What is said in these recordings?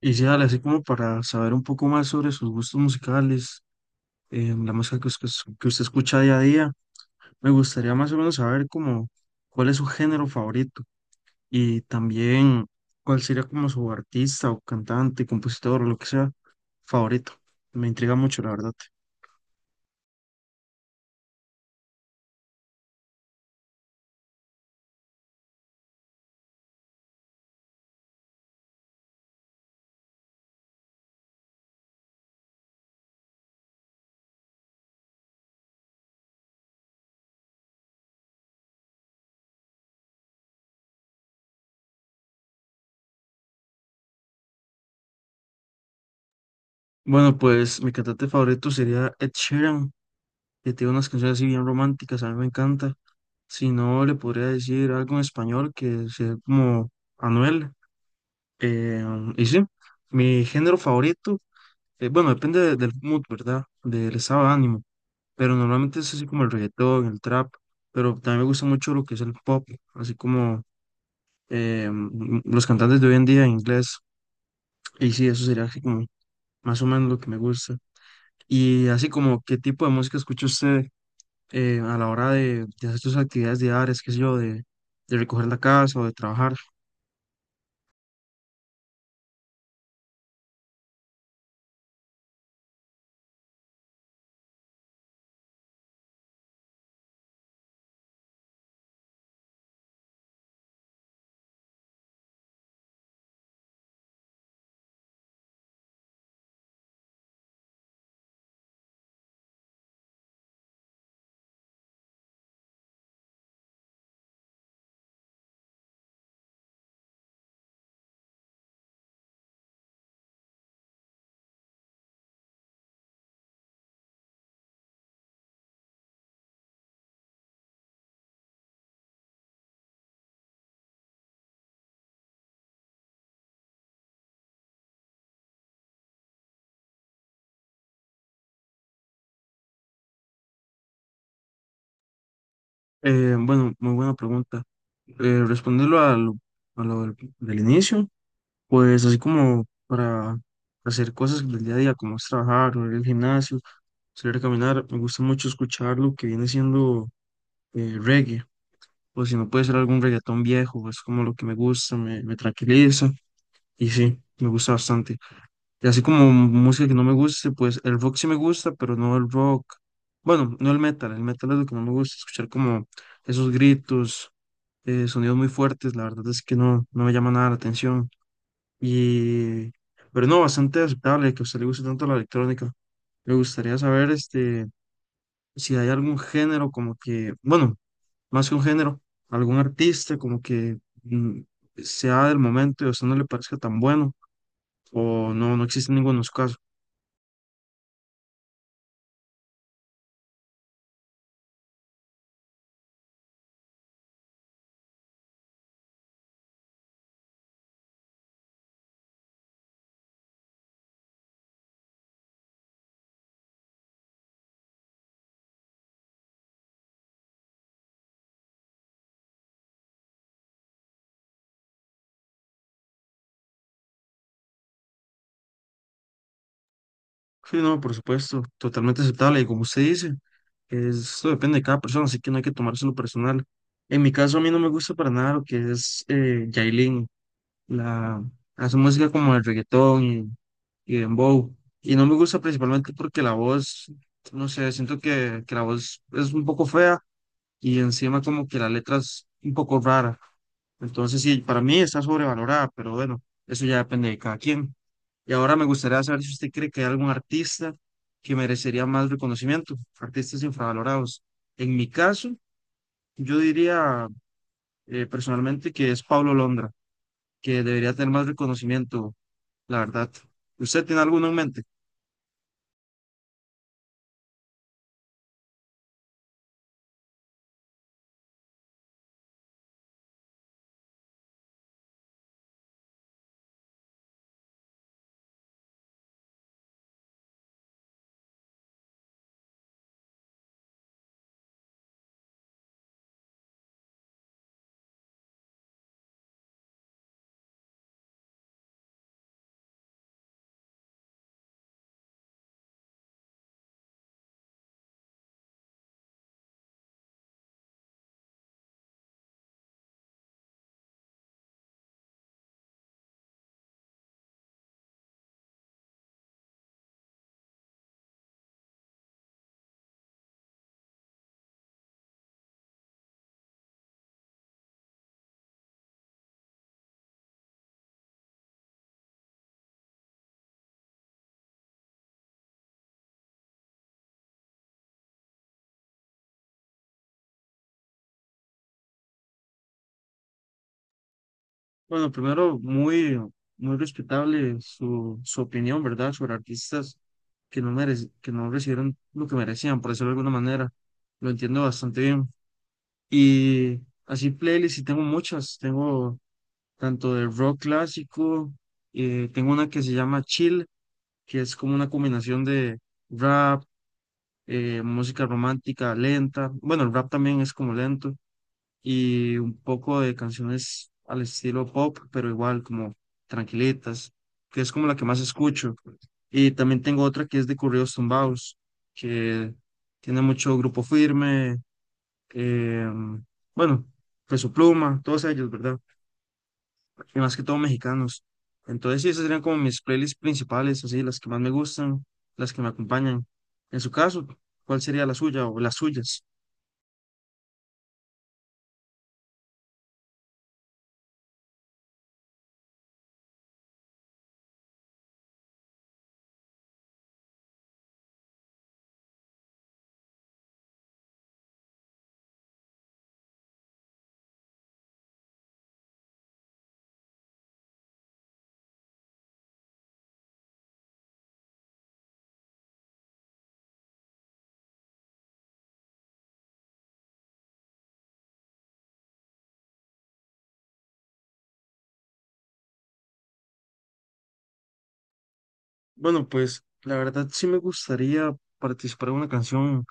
Y sí, dale, así como para saber un poco más sobre sus gustos musicales, la música que usted escucha día a día, me gustaría más o menos saber como cuál es su género favorito y también cuál sería como su artista o cantante, compositor o lo que sea favorito. Me intriga mucho, la verdad. Bueno, pues mi cantante favorito sería Ed Sheeran, que tiene unas canciones así bien románticas, a mí me encanta. Si no, le podría decir algo en español que sea como Anuel. Eh, y sí, mi género favorito, bueno, depende del mood, ¿verdad? Del estado de ánimo, pero normalmente es así como el reggaetón, el trap, pero también me gusta mucho lo que es el pop, así como los cantantes de hoy en día en inglés, y sí, eso sería así como más o menos lo que me gusta. Y así como, ¿qué tipo de música escucha usted a la hora de hacer sus actividades diarias, qué sé yo, de recoger la casa o de trabajar? Bueno, muy buena pregunta. Respondiendo a lo del inicio, pues así como para hacer cosas del día a día, como es trabajar, o ir al gimnasio, salir a caminar, me gusta mucho escuchar lo que viene siendo reggae, o si no puede ser algún reggaetón viejo, es como lo que me gusta, me tranquiliza, y sí, me gusta bastante. Y así como música que no me guste, pues el rock sí me gusta, pero no el rock. Bueno, no el metal. El metal es lo que no me gusta, escuchar como esos gritos, sonidos muy fuertes. La verdad es que no, no me llama nada la atención. Y, pero no, bastante aceptable que a usted le guste tanto la electrónica. Me gustaría saber este, si hay algún género como que, bueno, más que un género, algún artista como que sea del momento y a usted no le parezca tan bueno, o no, no existe ninguno de los casos. Sí, no, por supuesto, totalmente aceptable. Y como usted dice, esto depende de cada persona, así que no hay que tomárselo personal. En mi caso, a mí no me gusta para nada lo que es Yailin, la, hace música como el reggaetón y dembow. Y no me gusta principalmente porque la voz, no sé, siento que la voz es un poco fea y encima como que la letra es un poco rara. Entonces, sí, para mí está sobrevalorada, pero bueno, eso ya depende de cada quien. Y ahora me gustaría saber si usted cree que hay algún artista que merecería más reconocimiento, artistas infravalorados. En mi caso, yo diría personalmente que es Pablo Londra, que debería tener más reconocimiento, la verdad. ¿Usted tiene alguno en mente? Bueno, primero, muy respetable su opinión, ¿verdad?, sobre artistas que no recibieron lo que merecían, por decirlo de alguna manera. Lo entiendo bastante bien. Y así playlists, y tengo muchas, tengo tanto de rock clásico, tengo una que se llama Chill, que es como una combinación de rap, música romántica lenta, bueno, el rap también es como lento, y un poco de canciones al estilo pop, pero igual como tranquilitas, que es como la que más escucho. Y también tengo otra que es de corridos tumbados, que tiene mucho grupo firme, eh, bueno, Peso Pluma, todos ellos, ¿verdad? Y más que todo mexicanos. Entonces, sí, esas serían como mis playlists principales, así, las que más me gustan, las que me acompañan. En su caso, ¿cuál sería la suya o las suyas? Bueno, pues la verdad sí me gustaría participar en una canción,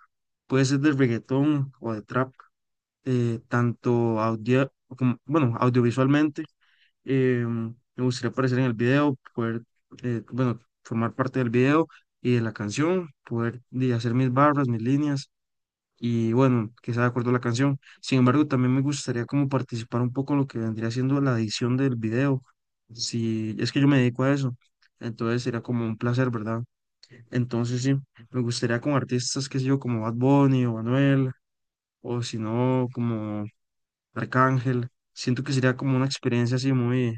puede ser de reggaetón o de trap, tanto audio, como, bueno, audiovisualmente. eh, Me gustaría aparecer en el video, poder, bueno, formar parte del video y de la canción, hacer mis barras, mis líneas y bueno, que sea de acuerdo a la canción. Sin embargo, también me gustaría como participar un poco en lo que vendría siendo la edición del video. Si es que yo me dedico a eso, entonces sería como un placer, ¿verdad? Entonces sí, me gustaría con artistas, qué sé yo, como Bad Bunny o Anuel, o si no, como Arcángel. Siento que sería como una experiencia así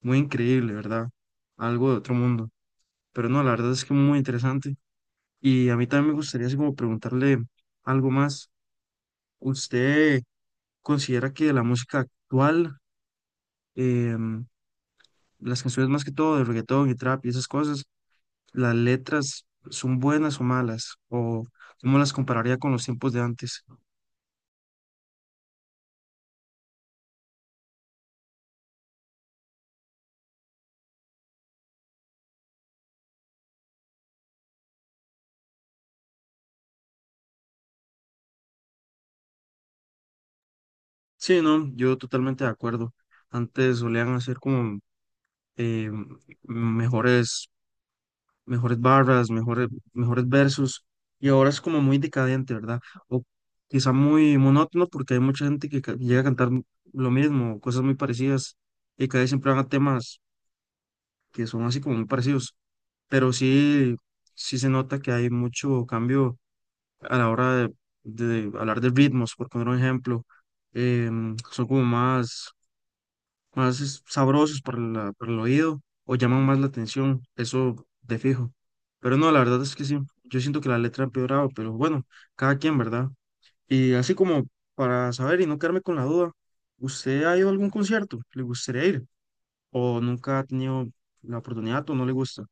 muy increíble, ¿verdad? Algo de otro mundo. Pero no, la verdad es que muy interesante. Y a mí también me gustaría así como preguntarle algo más. ¿Usted considera que la música actual, em, las canciones más que todo de reggaetón y trap y esas cosas, las letras son buenas o malas? ¿O cómo las compararía con los tiempos de antes? Sí, no, yo totalmente de acuerdo. Antes solían hacer como eh, mejores mejores barras, mejores versos, y ahora es como muy decadente, ¿verdad? O quizá muy monótono porque hay mucha gente llega a cantar lo mismo, cosas muy parecidas, y cada vez siempre van a temas que son así como muy parecidos, pero sí, sí se nota que hay mucho cambio a la hora de hablar de ritmos, por poner un ejemplo, son como más sabrosos para, para el oído o llaman más la atención, eso de fijo. Pero no, la verdad es que sí, yo siento que la letra ha empeorado, pero bueno, cada quien, ¿verdad? Y así como para saber y no quedarme con la duda, ¿usted ha ido a algún concierto? ¿Le gustaría ir? ¿O nunca ha tenido la oportunidad o no le gusta?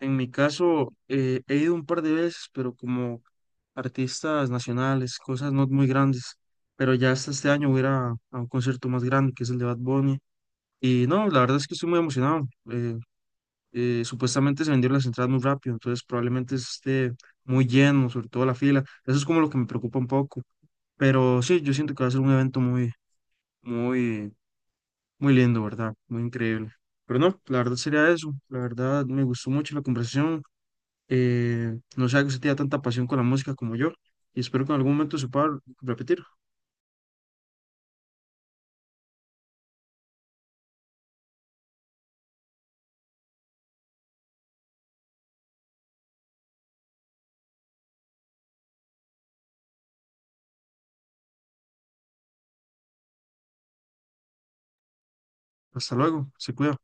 En mi caso, he ido un par de veces, pero como artistas nacionales, cosas no muy grandes. Pero ya hasta este año voy a ir a un concierto más grande, que es el de Bad Bunny. Y no, la verdad es que estoy muy emocionado. Supuestamente se vendieron las entradas muy rápido, entonces probablemente esté muy lleno, sobre todo la fila. Eso es como lo que me preocupa un poco. Pero sí, yo siento que va a ser un evento muy, muy lindo, ¿verdad? Muy increíble. Pero no, la verdad sería eso. La verdad me gustó mucho la conversación. No sé que usted tenga tanta pasión con la música como yo. Y espero que en algún momento se pueda repetir. Hasta luego, se cuida.